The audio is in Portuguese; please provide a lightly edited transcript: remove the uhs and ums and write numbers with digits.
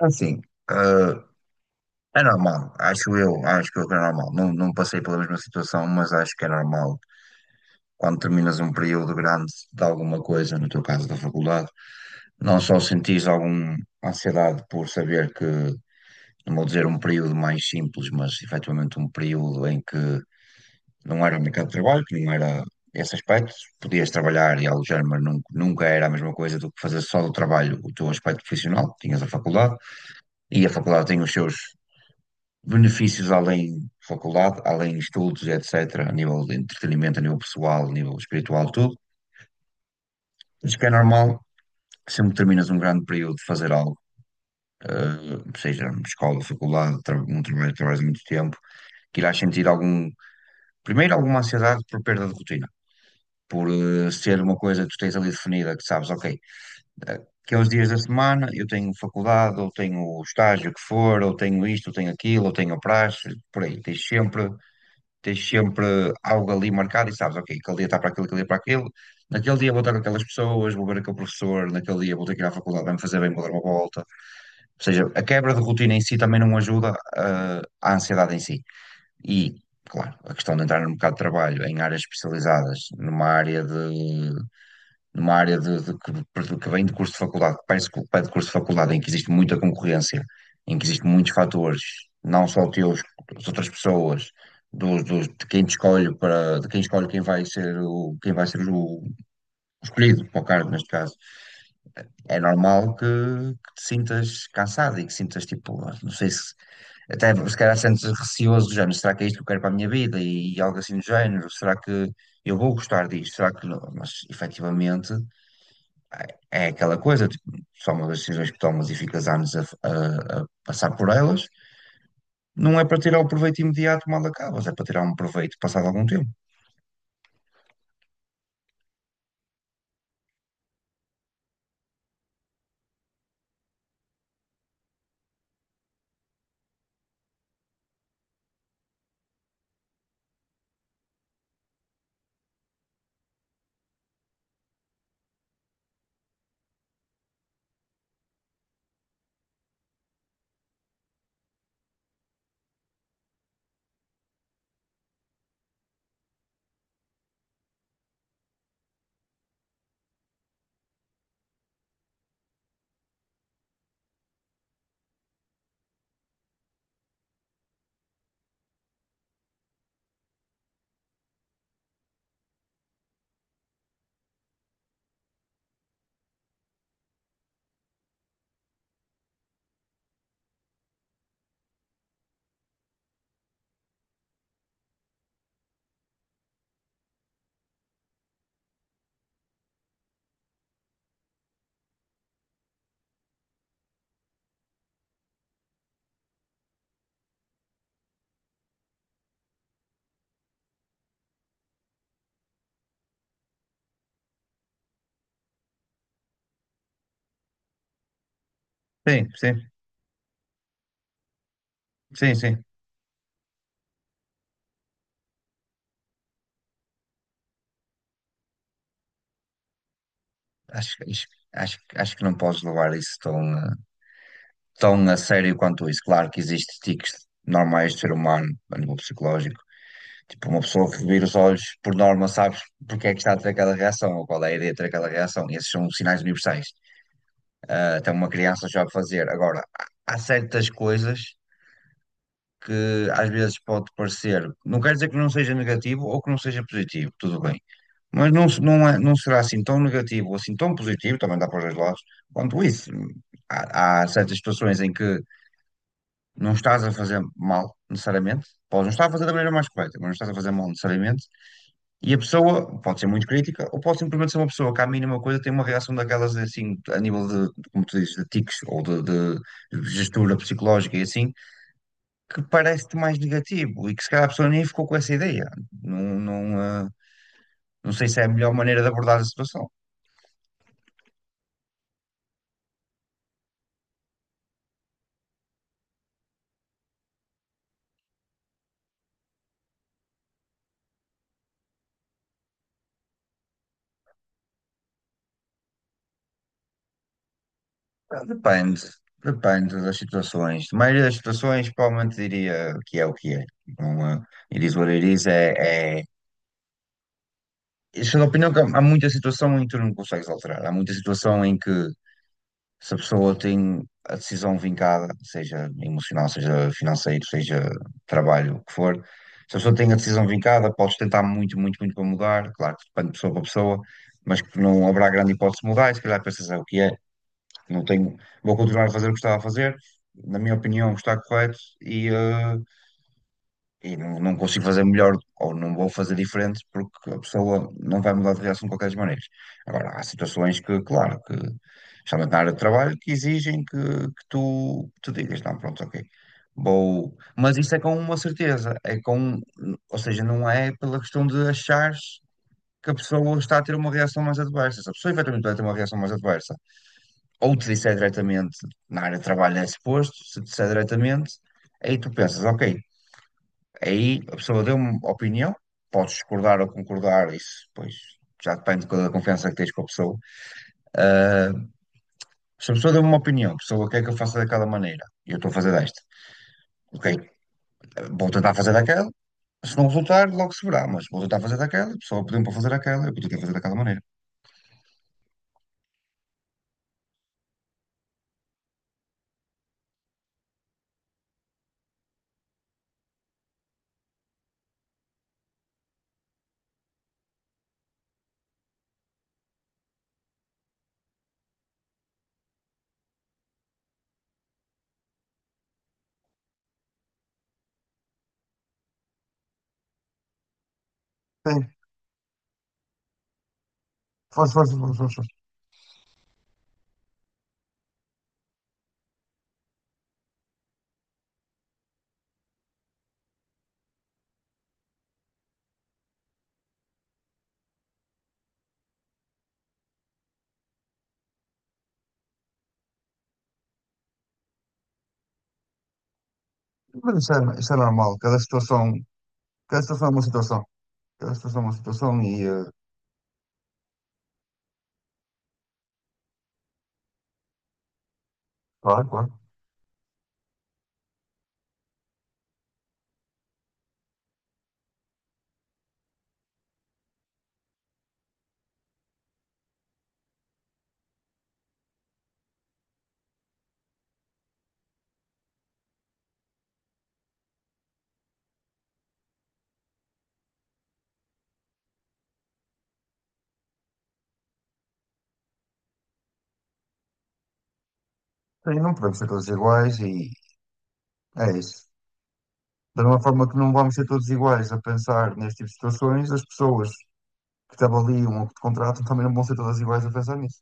Assim, eh, é normal, acho eu, que é normal. Não, passei pela mesma situação, mas acho que é normal quando terminas um período grande de alguma coisa, no teu caso da faculdade, não só sentis alguma ansiedade por saber que, não vou dizer um período mais simples, mas efetivamente um período em que não era o mercado de trabalho, que não era esse aspecto, podias trabalhar e alojar, mas nunca era a mesma coisa do que fazer só do trabalho o teu aspecto profissional, tinhas a faculdade. E a faculdade tem os seus benefícios além de faculdade, além de estudos, etc., a nível de entretenimento, a nível pessoal, a nível espiritual, tudo. Acho que é normal, sempre que terminas um grande período de fazer algo, seja escola, faculdade, tra um trabalho que trabalhas muito tempo, que irás sentir algum, primeiro alguma ansiedade por perda de rotina, por ser uma coisa que tu tens ali definida, que sabes, ok, aqueles dias da semana eu tenho faculdade, ou tenho o estágio que for, ou tenho isto, ou tenho aquilo, ou tenho a praxe, por aí, tens sempre algo ali marcado e sabes, ok, aquele dia está para aquilo, aquele dia para aquilo, naquele dia vou estar com aquelas pessoas, vou ver aquele professor, naquele dia vou ter que ir à faculdade, vai-me fazer bem, vou dar uma volta. Ou seja, a quebra de rotina em si também não ajuda à ansiedade em si. E, claro, a questão de entrar no mercado de trabalho em áreas especializadas, numa área de que vem de curso de faculdade, que parece que pede curso de faculdade, em que existe muita concorrência, em que existem muitos fatores, não só teus, das outras pessoas, de quem te escolhe para, de quem escolhe quem vai ser quem vai ser o escolhido para o cargo neste caso. É normal que te sintas cansado e que sintas tipo, não sei se até se calhar sentes receoso do género, será que é isto que eu quero para a minha vida? E, algo assim do género, será que eu vou gostar disto? Será que não? Mas efetivamente é aquela coisa, tipo, são as decisões que tomas e ficas anos a passar por elas. Não é para tirar o proveito imediato mal acabas, é para tirar um proveito passado algum tempo. Sim, sim, sim, sim. Acho, que- acho, Acho que não podes levar isso tão, tão a sério quanto isso. Claro que existem tiques normais de ser humano a nível psicológico. Tipo, uma pessoa que vira os olhos, por norma, sabes porque é que está a ter aquela reação ou qual é a ideia de ter aquela reação. Esses são sinais universais. Até uma criança sabe fazer. Agora, há certas coisas que às vezes pode parecer, não quer dizer que não seja negativo ou que não seja positivo, tudo bem, mas não será assim tão negativo ou assim tão positivo, também dá para os dois lados, quanto isso. Há certas situações em que não estás a fazer mal, necessariamente. Podes não estar a fazer da maneira mais correta, mas não estás a fazer mal, necessariamente. E a pessoa pode ser muito crítica, ou pode simplesmente ser uma pessoa que, à mínima coisa, tem uma reação daquelas, assim, a nível de como tu dizes, de tiques ou de gestura psicológica e assim, que parece-te mais negativo e que, se calhar, a pessoa nem ficou com essa ideia. Não, não, eh, não sei se é a melhor maneira de abordar a situação. Depende, depende das situações. Na maioria das situações, provavelmente diria que é o que é. Não, é- It is what it is. Isso é da opinião que há muita situação em que tu não consegues alterar. Há muita situação em que se a pessoa tem a decisão vincada, seja emocional, seja financeiro, seja trabalho, o que for, se a pessoa tem a decisão vincada, podes tentar muito, muito, muito para mudar. Claro que depende de pessoa para pessoa, mas que não haverá grande hipótese de mudar. E se calhar pensas é o que é. Não tenho, vou continuar a fazer o que estava a fazer, na minha opinião está correto e não, não consigo fazer melhor ou não vou fazer diferente porque a pessoa não vai mudar de reação de qualquer maneira. Agora, há situações que, claro, que especialmente na área de trabalho, que exigem que tu te digas, não, pronto, ok, vou... Mas isso é com uma certeza, é com... Ou seja, não é pela questão de achares que a pessoa está a ter uma reação mais adversa. Se a pessoa efetivamente vai ter uma reação mais adversa, ou te disser diretamente na área de trabalho é suposto, se te disser diretamente, aí tu pensas, ok, aí a pessoa deu uma opinião, podes discordar ou concordar, isso pois já depende da confiança que tens com a pessoa. Ah, Se a pessoa deu uma opinião, a pessoa quer que eu faça daquela maneira, e eu estou a fazer desta, ok, vou tentar fazer daquela, se não resultar, logo se verá, mas vou tentar fazer daquela, a pessoa pediu para fazer daquela, eu podia fazer daquela maneira. Sim, força, força, força, força. Mas isso é normal, cada situação é uma situação. Cada situação é uma situação e claro, claro. Sim, não podemos ser todos iguais e é isso. Da mesma forma que não vamos ser todos iguais a pensar neste tipo de situações, as pessoas que te avaliam ou que te contratam também não vão ser todas iguais a pensar nisso.